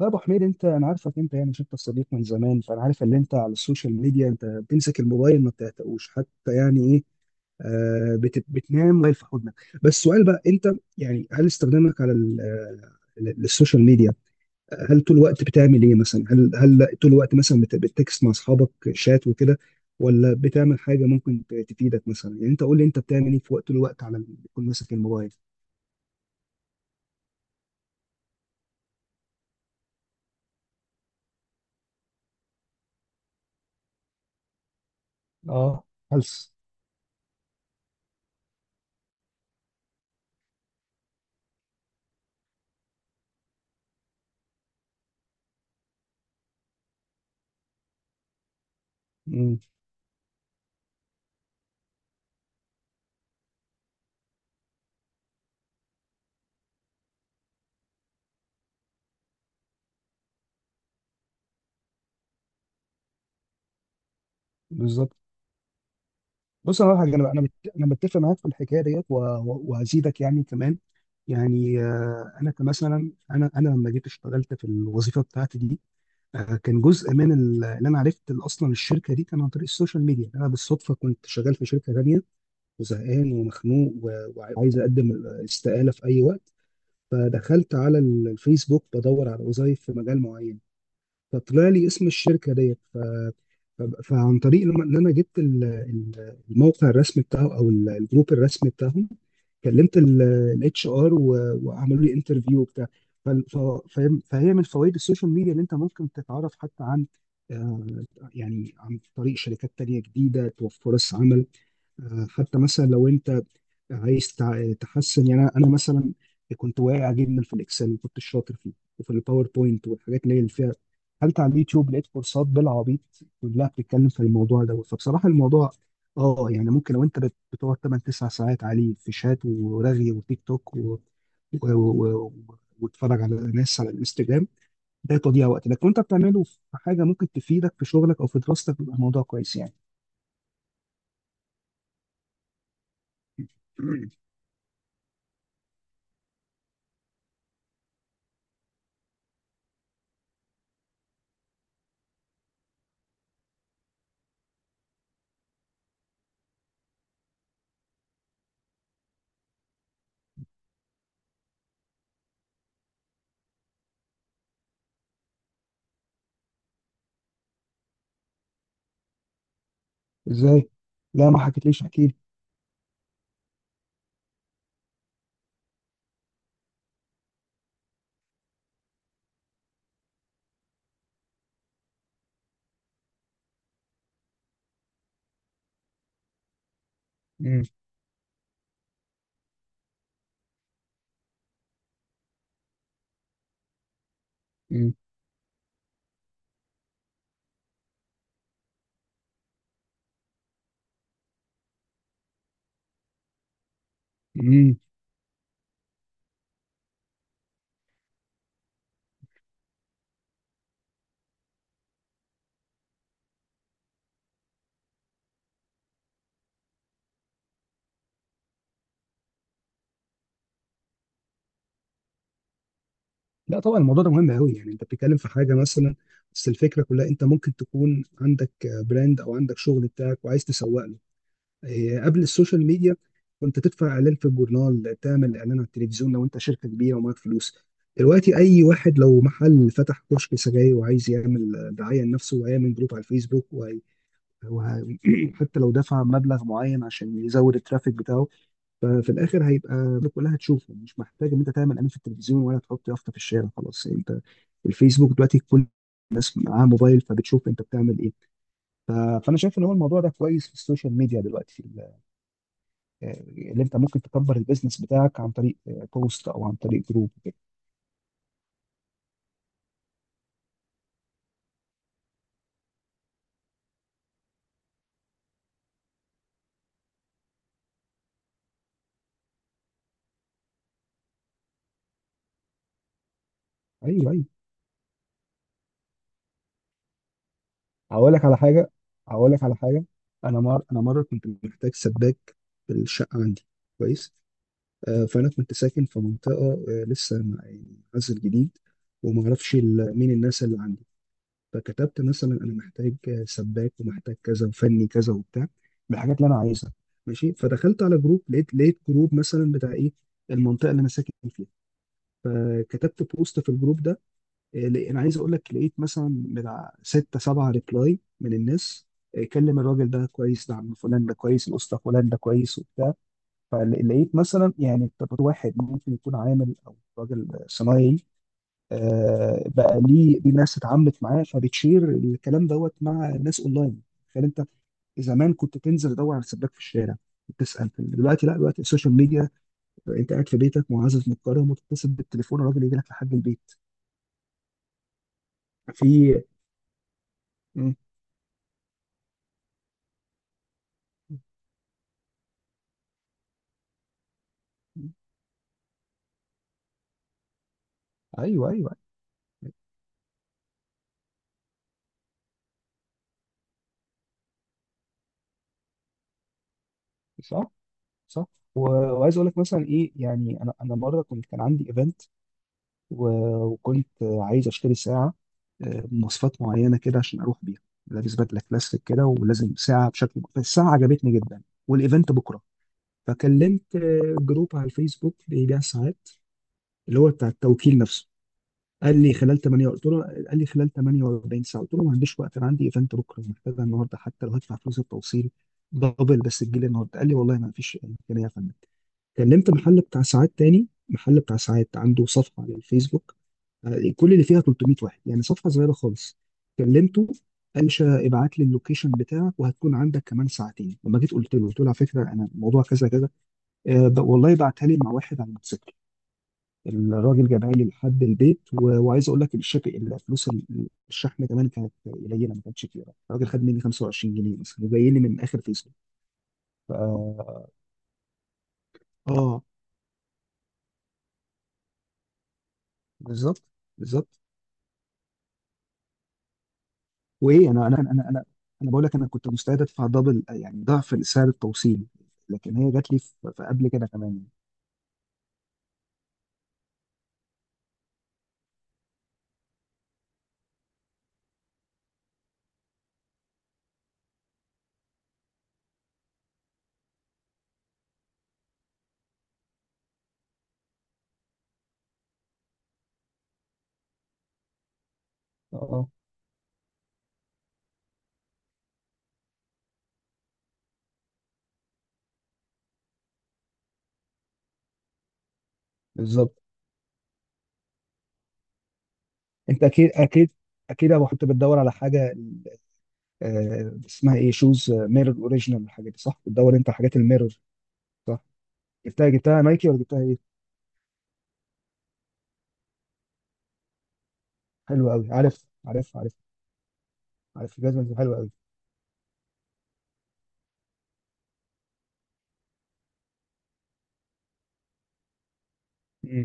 لا يا ابو حميد، انت انا عارفك، انت يعني شفت الصديق من زمان، فانا عارف ان انت على السوشيال ميديا، انت بتمسك الموبايل ما بتعتقوش حتى، يعني ايه، آه، بتنام موبايل في حضنك. بس السؤال بقى، انت يعني هل استخدامك على السوشيال ميديا، هل طول الوقت بتعمل ايه مثلا؟ هل طول الوقت مثلا بتكست مع اصحابك شات وكده؟ ولا بتعمل حاجه ممكن تفيدك مثلا؟ يعني انت قول لي انت بتعمل ايه في وقت طول الوقت على ال- بتكون ماسك الموبايل. اه. هلس. امم. بالظبط. بص، انا أقول لك حاجه، انا انا مت- أنا متفق معاك في الحكايه ديت و- و- وهزيدك يعني كمان. يعني انا كمثلا، انا لما جيت اشتغلت في الوظيفه بتاعتي دي، كان جزء من ال- اللي انا عرفت ال- اصلا الشركه دي كان عن طريق السوشيال ميديا. انا بالصدفه كنت شغال في شركه تانيه، وزهقان ومخنوق وعايز اقدم استقاله في اي وقت. فدخلت على ال- الفيسبوك بدور على وظائف في مجال معين، فطلع لي اسم الشركه ديت. فعن طريق لما ان انا جبت الموقع الرسمي بتاعه او ال- الجروب الرسمي بتاعهم، كلمت الاتش ار وعملوا لي انترفيو وبتاع. فهي من فوائد السوشيال ميديا ان انت ممكن تتعرف حتى عن، آه، يعني عن طريق شركات تانية جديدة توفر فرص عمل. حتى مثلا لو انت عايز تحسن، يعني انا مثلا كنت واقع جدا في الاكسل، ما كنتش شاطر فيه وفي الباوربوينت والحاجات اللي هي اللي فيها. دخلت على اليوتيوب لقيت كورسات بالعبيط كلها بتتكلم في الموضوع دوت. فبصراحه الموضوع، اه يعني، ممكن لو انت بتقعد 8 9 ساعات عليه في شات ورغي وتيك توك و... و... و... وتتفرج على ناس على الانستجرام، ده تضييع وقت. لكن انت بتعمله في حاجه ممكن تفيدك في شغلك او في دراستك بيبقى الموضوع كويس يعني. ازاي؟ لا ما حكيتليش، احكي لي. امم. امم. امم. لا طبعا، الموضوع ده مهم قوي، يعني انت بتتكلم في حاجه مثلا. بس الفكره كلها انت ممكن تكون عندك براند او عندك شغل بتاعك وعايز تسوق له. قبل السوشيال ميديا كنت تدفع اعلان في الجورنال، تعمل اعلان على التلفزيون لو انت شركه كبيره ومعاك فلوس. دلوقتي اي واحد لو محل، فتح كشك سجاير وعايز يعمل دعايه لنفسه، وهيعمل جروب على الفيسبوك وه... حتى لو دفع مبلغ معين عشان يزود الترافيك بتاعه. ففي الاخر هيبقى الناس كلها هتشوفه، مش محتاج ان انت تعمل اعلان في التلفزيون ولا تحط يافطه في الشارع، خلاص انت الفيسبوك دلوقتي كل الناس معاها موبايل فبتشوف انت بتعمل ايه. ف- فانا شايف ان هو الموضوع ده كويس في السوشيال ميديا دلوقتي، في ال- آه، اللي انت ممكن تكبر البيزنس بتاعك عن طريق بوست او عن طريق جروب وكده. ايوه، ايوه. هقول لك على حاجه هقول لك على حاجه. انا مره كنت محتاج سباك في الشقه عندي. كويس. فانا كنت ساكن في منطقه، لسه يعني عزل جديد، وما اعرفش ال- مين الناس اللي عندي. فكتبت مثلا انا محتاج، سباك ومحتاج كذا وفني كذا وبتاع، بالحاجات اللي انا عايزها. ماشي. فدخلت على جروب، لقيت جروب مثلا بتاع ايه، المنطقه اللي انا ساكن فيها. فكتبت بوست في الجروب ده، انا عايز اقول لك لقيت مثلا بتاع ستة سبعة ريبلاي من الناس. كلم الراجل ده كويس، ده عم فلان ده كويس، الاسطى فلان ده كويس. فلقيت مثلا يعني طب واحد ممكن يكون عامل او راجل صنايعي، بقى ليه ناس اتعاملت معاه، فبتشير الكلام دوت مع ناس اونلاين. تخيل انت، زمان كنت تنزل تدور على سباك في الشارع وتسال. دلوقتي لا، دلوقتي السوشيال ميديا انت قاعد في بيتك معزز مكرم وتتصل بالتليفون الراجل يجي لك لحد البيت. في. مم. ايوه. ايوه. صح. صح. وعايز اقول لك مثلا ايه يعني، انا مره كنت كان عندي ايفنت، وكنت عايز اشتري ساعه، بمواصفات معينه كده عشان اروح بيها لابس بدله كلاسيك كده ولازم ساعه بشكل. فالساعه عجبتني جدا والايفنت بكره. فكلمت جروب على الفيسبوك بيبيع ساعات اللي هو بتاع التوكيل نفسه. قال لي خلال 8، قلت له، قال لي خلال 48 ساعه، قلت له ما عنديش وقت، انا عندي ايفنت بكره، محتاجها النهارده حتى لو هدفع فلوس التوصيل دبل بس تجيلي النهارده. قال لي والله ما فيش امكانيه يا فندم. كلمت محل بتاع ساعات تاني، محل بتاع ساعات عنده صفحه على الفيسبوك كل اللي فيها 300 واحد يعني، صفحه صغيره خالص. كلمته، قال لي ابعت لي اللوكيشن بتاعك وهتكون عندك كمان ساعتين. لما جيت قلت له، قلت له على فكره انا الموضوع كذا كذا، والله بعتها لي مع واحد على الموتوسيكل. الراجل جابها لي لحد البيت، وعايز اقول لك الشك، الفلوس ال- الشحن كمان كانت قليله، ما كانتش كتيره، الراجل خد مني 25 جنيه مثلا، وجاي لي من اخر فيسبوك. ف- اه بالظبط، بالظبط. وايه، انا بقول لك انا كنت مستعد ادفع دبل يعني ضعف سعر التوصيل، لكن هي جات لي في في قبل كده كمان. اه بالظبط. انت اكيد، اكيد يا ابو، كنت بتدور على حاجه، اسمها ايه، شوز ميرور اوريجينال، الحاجات دي، صح؟ بتدور انت على حاجات الميرور، صح؟ جبتها نايكي ولا جبتها ايه؟ حلو قوي، عارف. عارف الجزمه دي حلوه قوي.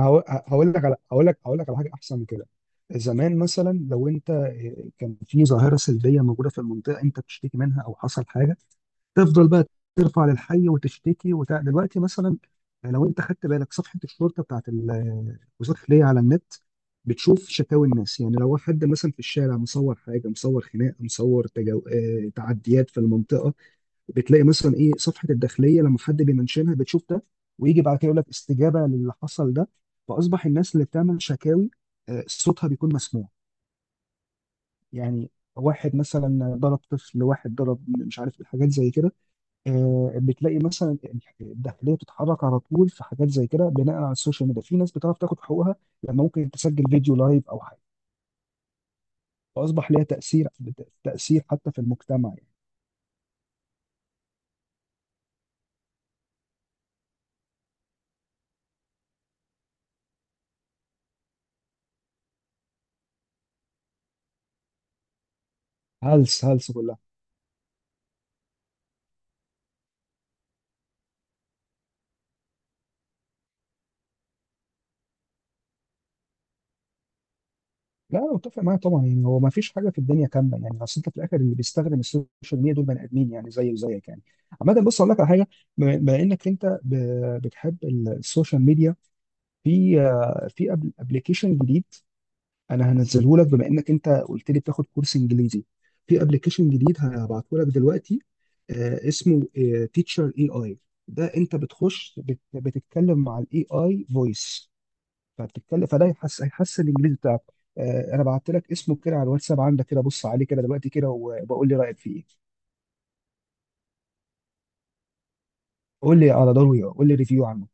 هقول لك على حاجه احسن من كده. زمان مثلا لو انت، كان في ظاهره سلبيه موجوده في المنطقه انت بتشتكي منها او حصل حاجه، تفضل بقى ترفع للحي وتشتكي دلوقتي مثلا لو انت خدت بالك صفحه الشرطه بتاعت ال- وزاره الخليه على النت، بتشوف شكاوي الناس، يعني لو حد مثلا في الشارع مصور حاجه، مصور خناقه، مصور تجو... آه، تعديات في المنطقه، بتلاقي مثلا ايه، صفحه الداخليه لما حد بيمنشنها بتشوف ده، ويجي بعد كده يقول لك استجابه للي حصل ده. فاصبح الناس اللي بتعمل شكاوي صوتها بيكون مسموع. يعني واحد مثلا ضرب طفل، واحد ضرب مش عارف، الحاجات زي كده، بتلاقي مثلا الداخليه بتتحرك على طول في حاجات زي كده بناء على السوشيال ميديا. في ناس بتعرف تاخد حقوقها لما ممكن تسجل فيديو لايف او حاجه. فاصبح ليها تاثير، تاثير حتى في المجتمع يعني. هلس هلس كلها. لا انا متفق معاك طبعا، يعني هو ما فيش حاجه في الدنيا كامله، يعني اصل انت في الاخر اللي بيستخدم السوشيال ميديا دول بني ادمين يعني زي وزيك يعني. عامه بص اقول لك على حاجه، بما انك انت بتحب ال- السوشيال ميديا، في ابلكيشن جديد انا هنزله لك. بما انك انت قلت لي بتاخد كورس انجليزي، في ابلكيشن جديد هبعته لك دلوقتي، اسمه تيتشر اي اي. ده انت بتخش بتتكلم مع الاي اي فويس، فهتتكلم، فده هيحسن الانجليزي بتاعك. انا بعت لك اسمه كده على الواتساب عندك كده، بص عليه كده دلوقتي كده، وبقول لي رايك فيه ايه. قول لي ريفيو عنه.